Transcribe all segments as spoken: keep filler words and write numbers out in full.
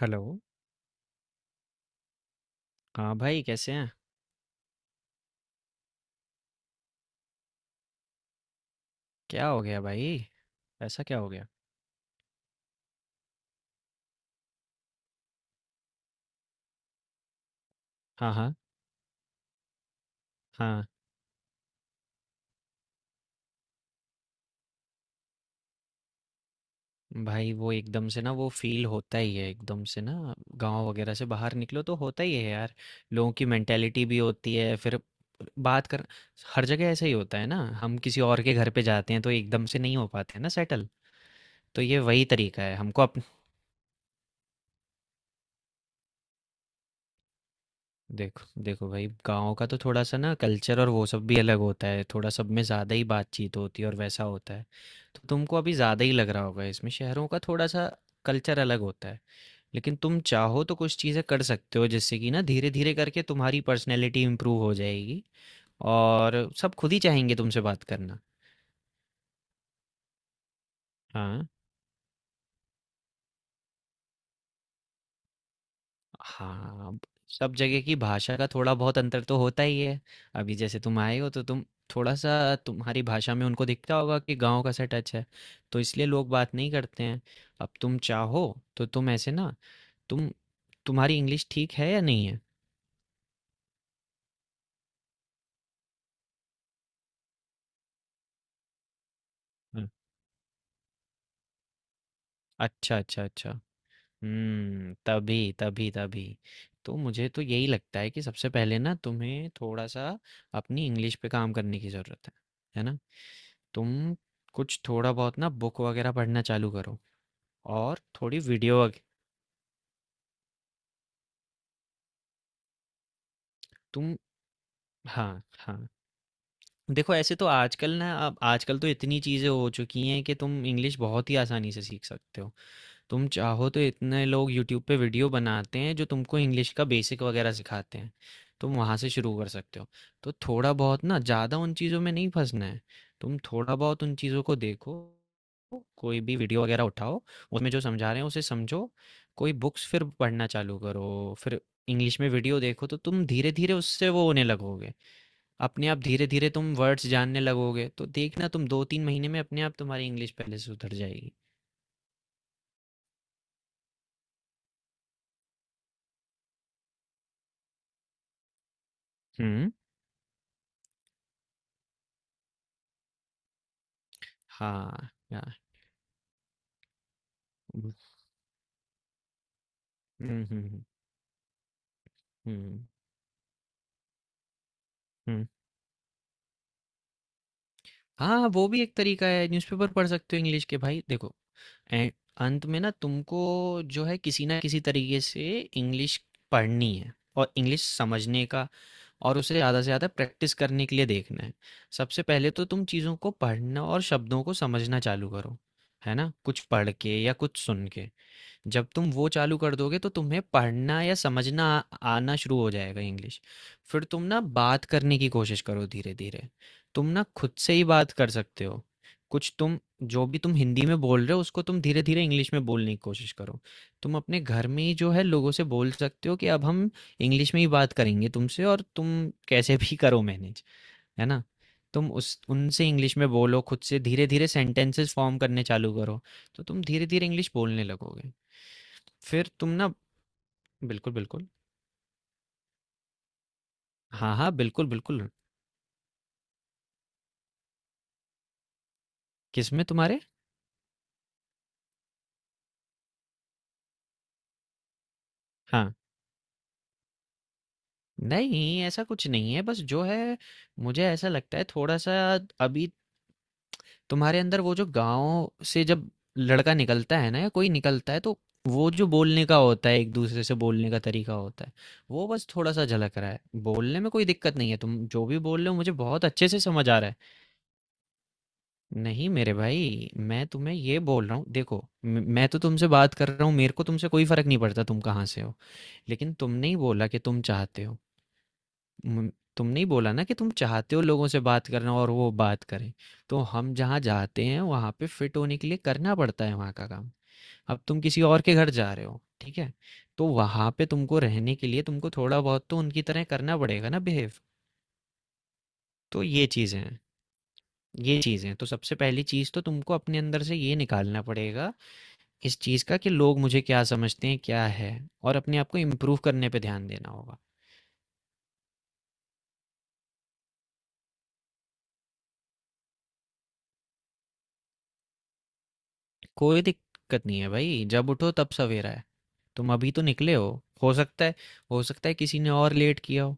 Hello. हाँ भाई कैसे हैं। क्या हो गया भाई? ऐसा क्या हो गया? हाँ हाँ। हाँ भाई, वो एकदम से ना, वो फील होता ही है एकदम से ना। गांव वगैरह से बाहर निकलो तो होता ही है यार। लोगों की मेंटेलिटी भी होती है फिर बात कर। हर जगह ऐसा ही होता है ना, हम किसी और के घर पे जाते हैं तो एकदम से नहीं हो पाते हैं ना सेटल। तो ये वही तरीका है हमको। देखो देखो भाई, गाँव का तो थोड़ा-सा ना कल्चर और वो सब भी अलग होता है, थोड़ा सब में ज़्यादा ही बातचीत होती है और वैसा होता है। तो तुमको अभी ज़्यादा ही लग रहा होगा इसमें, शहरों का थोड़ा-सा कल्चर अलग होता है। लेकिन तुम चाहो तो कुछ चीज़ें कर सकते हो जिससे कि ना धीरे-धीरे करके तुम्हारी पर्सनैलिटी इम्प्रूव हो जाएगी और सब खुद ही चाहेंगे तुमसे बात करना। हाँ। हाँ, ब सब जगह की भाषा का थोड़ा-बहुत अंतर तो होता ही है। अभी जैसे तुम आए हो तो तुम थोड़ा-सा तुम्हारी भाषा में उनको दिखता होगा कि गाँव का सा टच है, तो इसलिए लोग बात नहीं करते हैं। अब तुम चाहो तो तुम ऐसे ना, तुम तुम्हारी इंग्लिश ठीक है या नहीं है? हुँ। अच्छा, अच्छा, अच्छा। हुँ, तभी, तभी, तभी। तो मुझे तो यही लगता है कि सबसे पहले ना तुम्हें थोड़ा-सा अपनी इंग्लिश पे काम करने की ज़रूरत है। है ना? तुम कुछ थोड़ा बहुत ना बुक वगैरह पढ़ना चालू करो और थोड़ी वीडियो वग- तुम हाँ हाँ। देखो, ऐसे तो आजकल ना, अब आजकल तो इतनी चीज़ें हो चुकी हैं कि तुम इंग्लिश बहुत ही आसानी से सीख सकते हो। तुम चाहो तो इतने लोग यूट्यूब पे वीडियो बनाते हैं जो तुमको इंग्लिश का बेसिक वगैरह सिखाते हैं। तुम वहाँ से शुरू कर सकते हो। तो थोड़ा बहुत ना, ज़्यादा उन चीज़ों में नहीं फंसना है। तुम थोड़ा बहुत उन चीज़ों को देखो, कोई भी वीडियो वगैरह उठाओ, उसमें जो समझा रहे हैं उसे समझो। कोई बुक्स फिर पढ़ना चालू करो, फिर इंग्लिश में वीडियो देखो, तो तुम धीरे धीरे उससे वो होने लगोगे। अपने आप धीरे धीरे तुम वर्ड्स जानने लगोगे, तो देखना तुम दो तीन महीने में अपने आप तुम्हारी इंग्लिश पहले से उतर जाएगी। हम्म। हाँ। हम्म हम्म हम्म, हम्म। हाँ, वो भी एक तरीका है, न्यूज़पेपर पढ़ सकते हो इंग्लिश के भाई। देखो, ए- अंत में ना तुमको जो है किसी ना किसी तरीके से इंग्लिश पढ़नी है और इंग्लिश समझने का और उसे ज़्यादा से ज़्यादा प्रैक्टिस करने के लिए देखना है। सबसे पहले तो तुम चीज़ों को पढ़ना और शब्दों को समझना चालू करो, है ना, कुछ पढ़ के या कुछ सुन के। जब तुम वो चालू कर दोगे तो तुम्हें पढ़ना या समझना आ- आना शुरू हो जाएगा इंग्लिश। फिर तुम ना बात करने की कोशिश करो धीरे धीरे। तुम ना खुद से ही बात कर सकते हो। कुछ तुम जो भी तुम हिंदी में बोल रहे हो उसको तुम धीरे धीरे इंग्लिश में बोलने की कोशिश करो। तुम अपने घर में ही जो है लोगों से बोल सकते हो कि अब हम इंग्लिश में ही बात करेंगे तुमसे, और तुम कैसे भी करो मैनेज। है ना? तुम उस उनसे इंग्लिश में बोलो, खुद से धीरे धीरे सेंटेंसेस फॉर्म करने चालू करो, तो तुम धीरे धीरे इंग्लिश बोलने लगोगे। फिर तुम ना बिल्कुल बिल्कुल। हाँ हाँ, बिल्कुल बिल्कुल। किस में तुम्हारे? हाँ, नहीं ऐसा कुछ नहीं है, बस जो है मुझे ऐसा लगता है थोड़ा सा अभी तुम्हारे अंदर वो, जो गांव से जब लड़का निकलता है ना या कोई निकलता है, तो वो जो बोलने का होता है, एक दूसरे से बोलने का तरीका होता है, वो बस थोड़ा सा झलक रहा है। बोलने में कोई दिक्कत नहीं है, तुम जो भी बोल रहे हो मुझे बहुत अच्छे से समझ आ रहा है। नहीं मेरे भाई, मैं तुम्हें ये बोल रहा हूँ, देखो, म- मैं तो तुमसे बात कर रहा हूँ, मेरे को तुमसे कोई फर्क नहीं पड़ता तुम कहाँ से हो। लेकिन तुमने ही बोला कि तुम चाहते हो। मम, तुमने ही बोला ना कि तुम चाहते हो लोगों से बात करना और वो बात करें। तो हम जहाँ जाते हैं वहाँ पे फिट होने के लिए करना पड़ता है वहाँ का काम। अब तुम किसी और के घर जा रहे हो, ठीक है, तो वहाँ पे तुमको रहने के लिए तुमको थोड़ा बहुत तो उनकी तरह करना पड़ेगा ना बिहेव। तो ये चीज़ें हैं। ये चीज़ें हैं, तो सबसे पहली चीज़ तो तुमको अपने अंदर से ये निकालना पड़ेगा, इस चीज़ का कि लोग मुझे क्या समझते हैं क्या है, और अपने आप को इम्प्रूव करने पे ध्यान देना होगा। कोई दिक्कत नहीं है भाई, जब उठो तब सवेरा है। तुम अभी तो निकले हो, हो सकता है, हो सकता है किसी ने और लेट किया हो।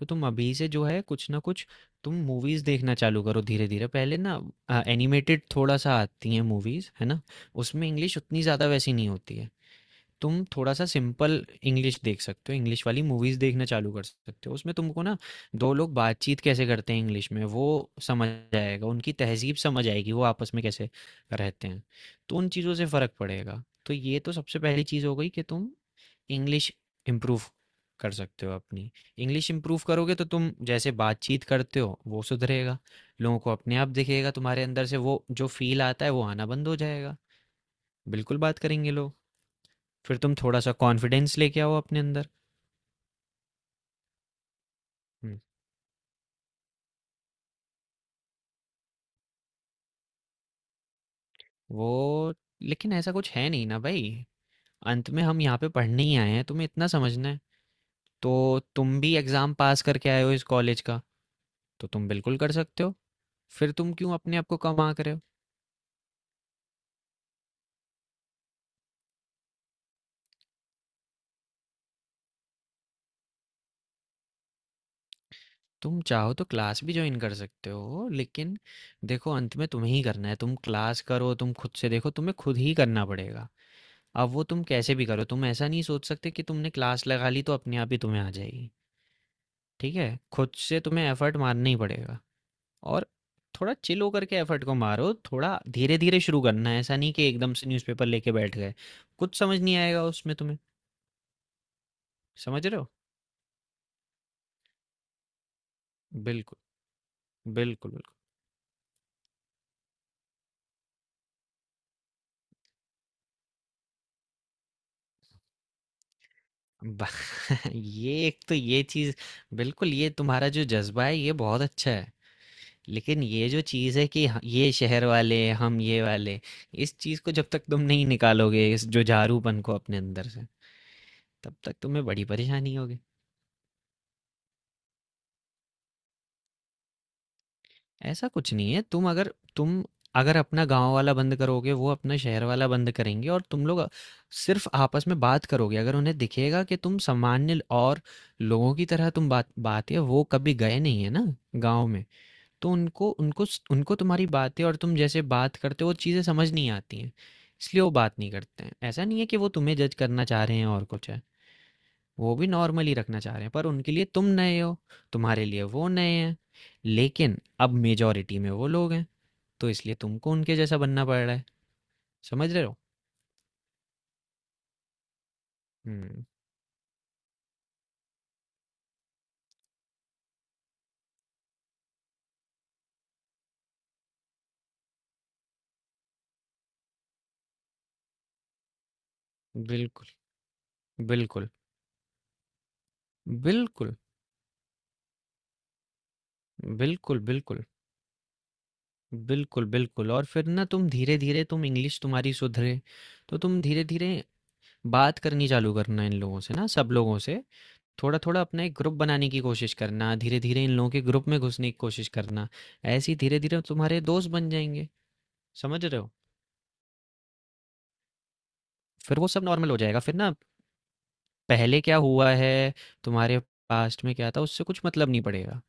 तो तुम अभी से जो है कुछ ना कुछ, तुम मूवीज देखना चालू करो धीरे-धीरे। पहले ना एनिमेटेड थोड़ा सा आती हैं मूवीज, है ना? उसमें इंग्लिश उतनी ज़्यादा वैसी नहीं होती है। तुम थोड़ा सा सिंपल इंग्लिश देख सकते हो, इंग्लिश वाली मूवीज देखना चालू कर सकते हो, उसमें तुमको ना दो लोग बातचीत कैसे करते हैं इंग्लिश में, वो समझ आएगा, उनकी तहजीब समझ आएगी, वो आपस में कैसे रहते हैं। तो उन चीज़ों से फ़र्क पड़ेगा। तो ये तो सबसे पहली चीज़ हो गई कि तुम इंग्लिश इम्प्रूव कर सकते हो अपनी। इंग्लिश इम्प्रूव करोगे तो तुम जैसे बातचीत करते हो वो सुधरेगा, लोगों को अपने आप दिखेगा, तुम्हारे अंदर से वो जो फील आता है वो आना बंद हो जाएगा, बिल्कुल बात करेंगे लोग। फिर तुम थोड़ा-सा कॉन्फिडेंस लेके आओ अपने अंदर। हुँ, वो लेकिन ऐसा कुछ है नहीं ना भई। अंत में हम यहाँ पे पढ़ने ही आए हैं, तुम्हें इतना समझना है। तो तुम भी एग्ज़ाम पास करके आए हो इस कॉलेज का, तो तुम बिल्कुल कर सकते हो। फिर तुम क्यों अपने आप को कम आँक रहे हो? तुम चाहो तो क्लास भी जॉइन कर सकते हो, लेकिन देखो अंत में तुम्हें ही करना है। तुम क्लास करो, तुम खुद से देखो, तुम्हें खुद ही करना पड़ेगा। अब वो तुम कैसे भी करो, तुम ऐसा नहीं सोच सकते कि तुमने क्लास लगा ली तो अपने आप ही तुम्हें आ जाएगी। ठीक है? खुद से तुम्हें एफर्ट मारना ही पड़ेगा, और थोड़ा चिल होकर के एफर्ट को मारो, थोड़ा धीरे-धीरे शुरू करना है, ऐसा नहीं कि एकदम से न्यूज़पेपर लेके बैठ गए। कुछ समझ नहीं आएगा उसमें तुम्हें, समझ रहे हो? बिल्कुल, बिल्कुल, बिल्कुल। बा ये एक तो ये चीज़ बिल्कुल, ये तुम्हारा जो ज़ज्बा है ये बहुत अच्छा है। लेकिन ये जो चीज़ है कि ह ये शहर वाले, हम ये वाले, इस चीज़ को जब तक तुम नहीं निकालोगे, इस जुझारूपन को अपने अंदर से, तब तक तुम्हें बड़ी परेशानी होगी। ऐसा कुछ नहीं है। तुम अगर तुम अगर अपना गाँव वाला बंद करोगे, वो अपना शहर वाला बंद करेंगे, और तुम लोग सिर्फ़ आपस में बात करोगे। अगर उन्हें दिखेगा कि तुम सामान्य और लोगों की तरह तुम बात बातें, वो कभी गए नहीं हैं ना गाँव में, तो उनको उनको स उनको तुम्हारी बातें और तुम जैसे बात करते हो, वो चीज़ें समझ नहीं आती हैं। इसलिए वो बात नहीं करते हैं। ऐसा नहीं है कि वो तुम्हें जज करना चाह रहे हैं और कुछ है। वो भी नॉर्मल ही रखना चाह रहे हैं, पर उनके लिए तुम नए हो, तुम्हारे लिए वो नए हैं, लेकिन अब मेजॉरिटी में वो लोग हैं, तो इसलिए तुमको उनके जैसा बनना पड़ रहा है। समझ रहे हो? हम्म। बिल्कुल बिल्कुल। बिल्कुल बिल्कुल। बिल्कुल बिल्कुल, बिल्कुल और फिर ना तुम धीरे धीरे, तुम इंग्लिश तुम्हारी सुधरे, तो तुम धीरे धीरे बात करनी चालू करना इन लोगों से ना, सब लोगों से, थोड़ा थोड़ा अपना एक ग्रुप बनाने की कोशिश करना, धीरे धीरे इन लोगों के ग्रुप में घुसने की कोशिश करना, ऐसे ही धीरे धीरे तुम्हारे दोस्त बन जाएंगे। समझ रहे हो? फिर वो सब नॉर्मल हो जाएगा फिर ना। पहले क्या हुआ है, तुम्हारे पास्ट में क्या था, उससे कुछ मतलब नहीं पड़ेगा।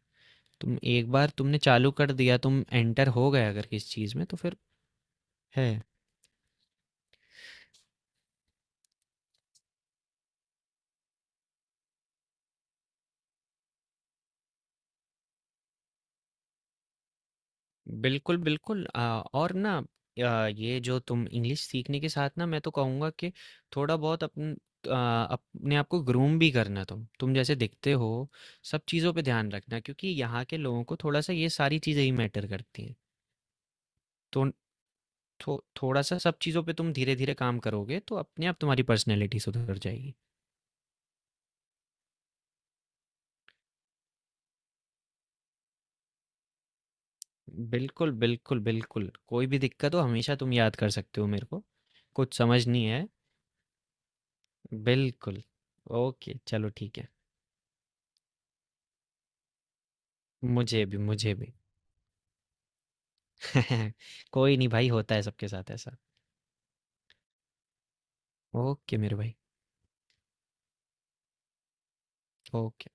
तुम एक बार तुमने चालू कर दिया, तुम एंटर हो गए अगर किस चीज़ में, तो फिर है। बिल्कुल बिल्कुल। आ, और ना आ, ये जो तुम इंग्लिश सीखने के साथ ना, मैं तो कहूँगा कि थोड़ा बहुत अपन आ, अपने आप को ग्रूम भी करना, तुम तुम जैसे दिखते हो सब चीज़ों पे ध्यान रखना, क्योंकि यहाँ के लोगों को थोड़ा सा ये सारी चीज़ें ही मैटर करती हैं। तो थो थोड़ा-सा सब चीज़ों पे तुम धीरे-धीरे काम करोगे, तो अपने आप तुम्हारी पर्सनैलिटी सुधर जाएगी। बिल्कुल, बिल्कुल, बिल्कुल। कोई भी दिक्कत हो हमेशा तुम याद कर सकते हो मेरे को। कुछ समझ नहीं है, बिल्कुल। ओके, चलो ठीक है। मुझे भी, मुझे भी। कोई नहीं भाई, होता है सबके साथ ऐसा। ओके मेरे भाई, ओके।